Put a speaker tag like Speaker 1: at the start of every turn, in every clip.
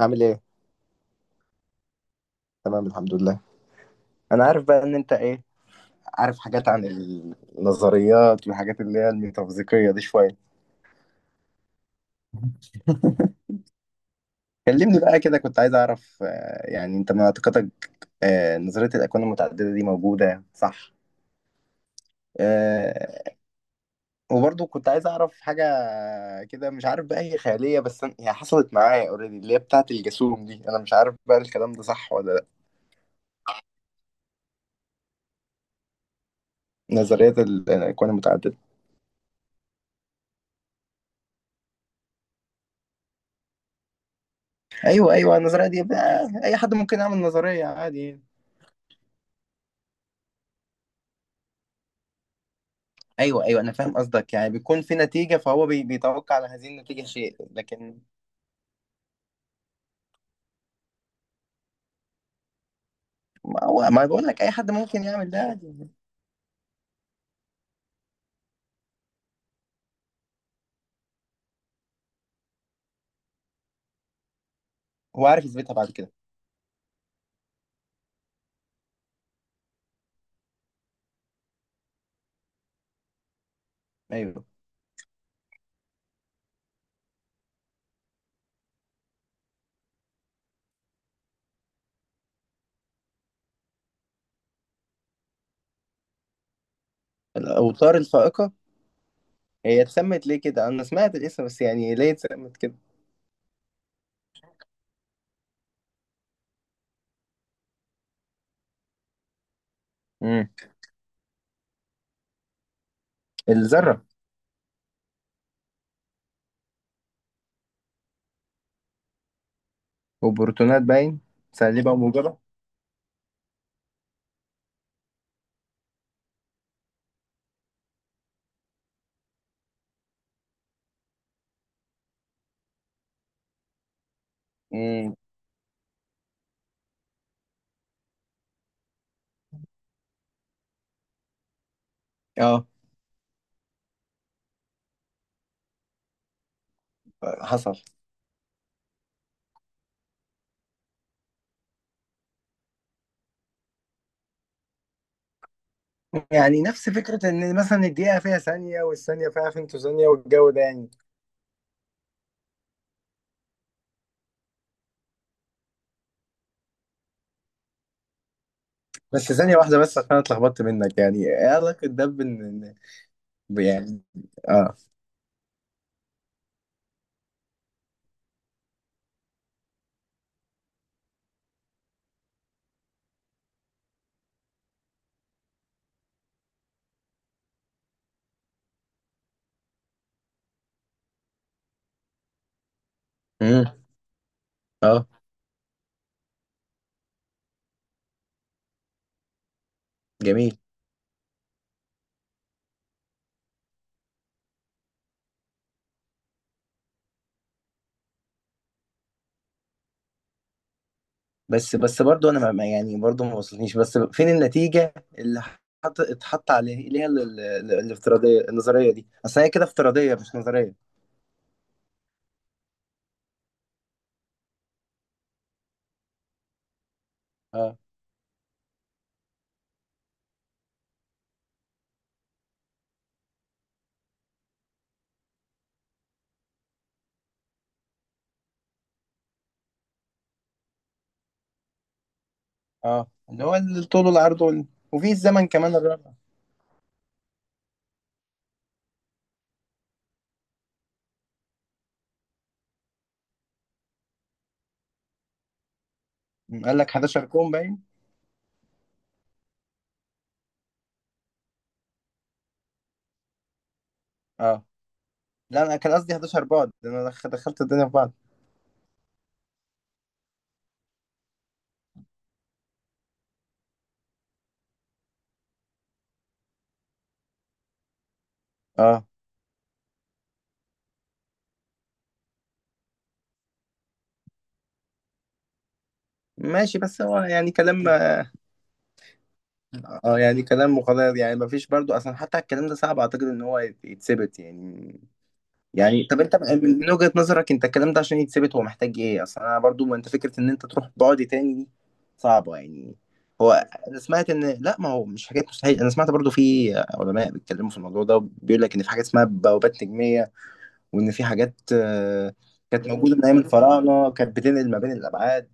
Speaker 1: عامل ايه؟ تمام الحمد لله. انا عارف بقى ان انت ايه، عارف حاجات عن النظريات والحاجات اللي هي الميتافيزيقية دي شوية. كلمني بقى كده، كنت عايز اعرف يعني انت معتقدك. نظرية الاكوان المتعددة دي موجودة صح؟ آه، وبرضو كنت عايز اعرف حاجة كده، مش عارف بقى هي خيالية بس هي حصلت معايا اوريدي اللي هي بتاعة الجاسوم دي، انا مش عارف بقى الكلام ده صح ولا لا. نظرية الاكوان المتعددة. ايوه، ايوه، النظرية دي بقى اي حد ممكن يعمل نظرية عادي يعني. ايوه، ايوه، انا فاهم قصدك، يعني بيكون في نتيجه فهو بيتوقع على هذه النتيجه شيء لكن. ما هو ما بقول لك اي حد ممكن يعمل ده عادي. هو عارف يثبتها بعد كده؟ ايوه. الاوتار الفائقه. هي اتسمت ليه كده؟ انا سمعت الاسم بس يعني ليه اتسمت كده؟ امم. الذره. وبروتونات باين. سالبه وموجبه. امم. اه، حصل. يعني نفس فكره ان مثلا الدقيقه فيها ثانيه والثانيه فيها فنتو ثانيه والجو ده يعني. بس ثانيه واحده، بس عشان اتلخبطت منك، يعني ايه علاقه ده بان. يعني. اه. امم. اه. جميل. بس بس برضو انا يعني برضو ما وصلتنيش، بس فين النتيجة اللي اتحط عليها الافتراضية، النظرية دي اصل هي كده افتراضية مش نظرية. اه، اه، اللي هو الطول والعرض وفي الزمن كمان الرابع. قال لك 11 كون باين. اه، لا، انا كان قصدي 11 بعد، ده انا دخلت الدنيا في بعض. اه، ماشي، بس هو يعني كلام اه. يعني كلام مقدر، يعني ما فيش برضو اصلا، حتى الكلام ده صعب اعتقد ان هو يتثبت يعني. يعني طب انت من وجهة نظرك انت، الكلام ده عشان يتثبت هو محتاج ايه اصلا؟ انا برضو ما انت، فكرة ان انت تروح بعد تاني دي صعبة يعني. هو. انا سمعت ان لا، ما هو مش حاجات مستحيل، انا سمعت برضو في علماء بيتكلموا في الموضوع ده، بيقول لك ان في حاجة اسمها بوابات نجمية، وان في حاجات كانت موجودة من ايام الفراعنة، كانت بتنقل ما بين الابعاد.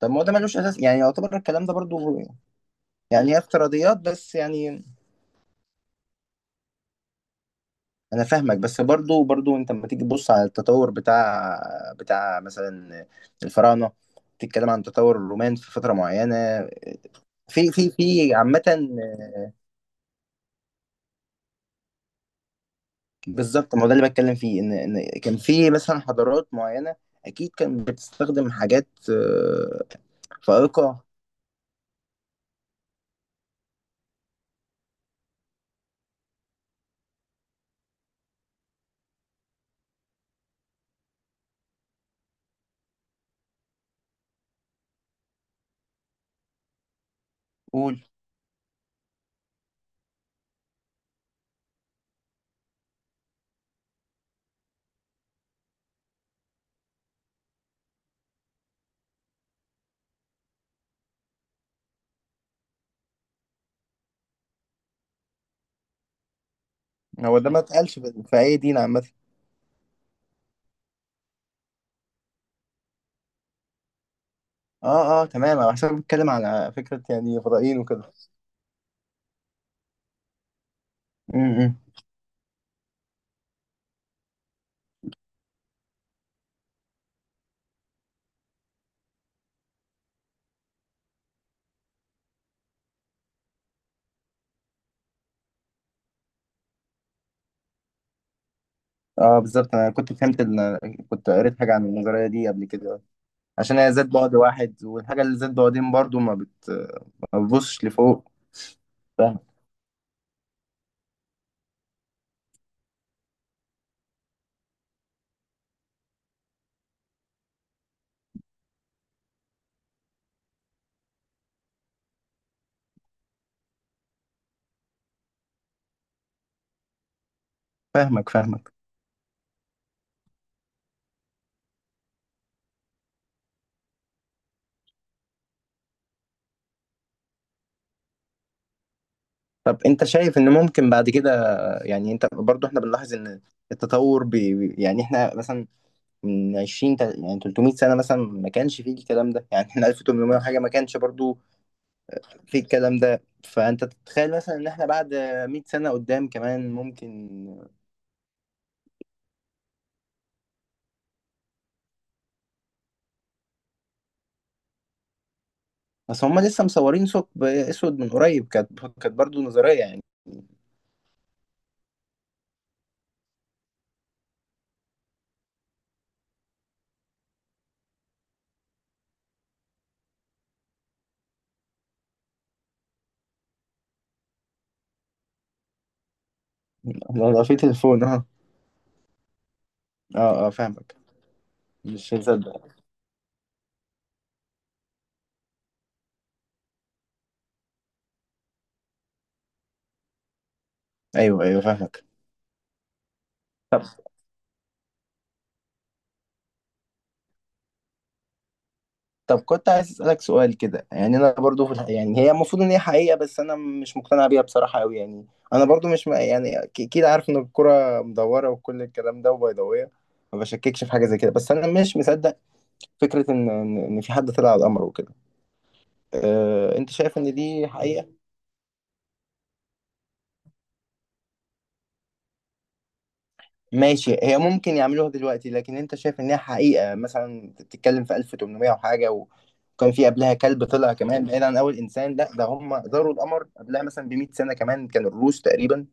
Speaker 1: طب ما هو ده ملوش اساس يعني، يعتبر الكلام ده برضو. يعني هي افتراضيات بس يعني. انا فاهمك، بس برضو برضو انت لما تيجي تبص على التطور بتاع مثلا الفراعنه، تتكلم عن تطور الرومان في فتره معينه، في عامه. بالظبط، ما هو ده اللي بتكلم فيه، ان كان في مثلا حضارات معينه. اكيد كانت بتستخدم حاجات فائقه. قول. هو ده ما اتقالش في اي دين عامه. اه، اه، تمام، انا حسب بتكلم على فكره يعني فضائيين وكده. م- م. اه، بالظبط، انا كنت فهمت ان كنت قريت حاجه عن النظريه دي قبل كده، عشان هي ذات بعد واحد، والحاجة اللي ذات بعدين برضو ما بتبصش لفوق. فاهم- فاهمك فاهمك. طب انت شايف ان ممكن بعد كده، يعني انت برضو احنا بنلاحظ ان التطور يعني احنا مثلا من 20 يعني 300 سنة مثلا ما كانش فيه الكلام ده، يعني احنا 1800 وحاجة ما كانش برضو فيه الكلام ده، فانت تتخيل مثلا ان احنا بعد 100 سنة قدام كمان ممكن. بس هم لسه مصورين ثقب اسود من قريب، كانت برضو نظرية يعني. لو في تليفون. اه، اه، فاهمك. مش هتصدق. ايوه، ايوه، فاهمك. طب كنت عايز اسالك سؤال كده، يعني انا برضو في يعني هي المفروض ان هي حقيقه بس انا مش مقتنع بيها بصراحه قوي يعني. انا برضو مش م... يعني اكيد عارف ان الكره مدوره وكل الكلام ده وبيضاويه، ما بشككش في حاجه زي كده، بس انا مش مصدق فكره ان ان إن في حد طلع على القمر وكده. انت شايف ان دي حقيقه؟ ماشي، هي ممكن يعملوها دلوقتي، لكن انت شايف انها حقيقة؟ مثلا انت بتتكلم في 1800 وحاجة وكان في قبلها كلب طلع كمان بعيد عن اول انسان، لا ده هم زاروا القمر قبلها مثلا ب 100 سنة كمان، كان الروس تقريبا.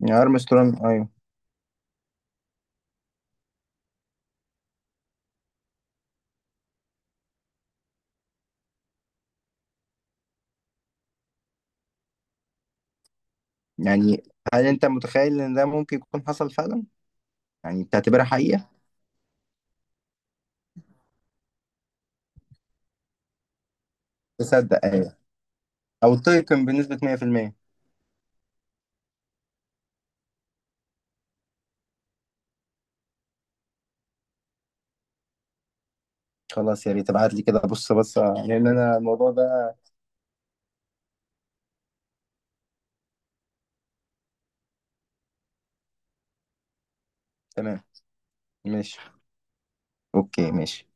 Speaker 1: يعني ارمسترونج، ايوه. يعني هل انت متخيل ان ده ممكن يكون حصل فعلا؟ يعني تعتبرها حقيقة؟ تصدق، ايوه. او تيقن بنسبة 100%؟ خلاص، يا ريت ابعت لي كده، بص بص لان انا الموضوع ده. تمام. ماشي. اوكي، ماشي.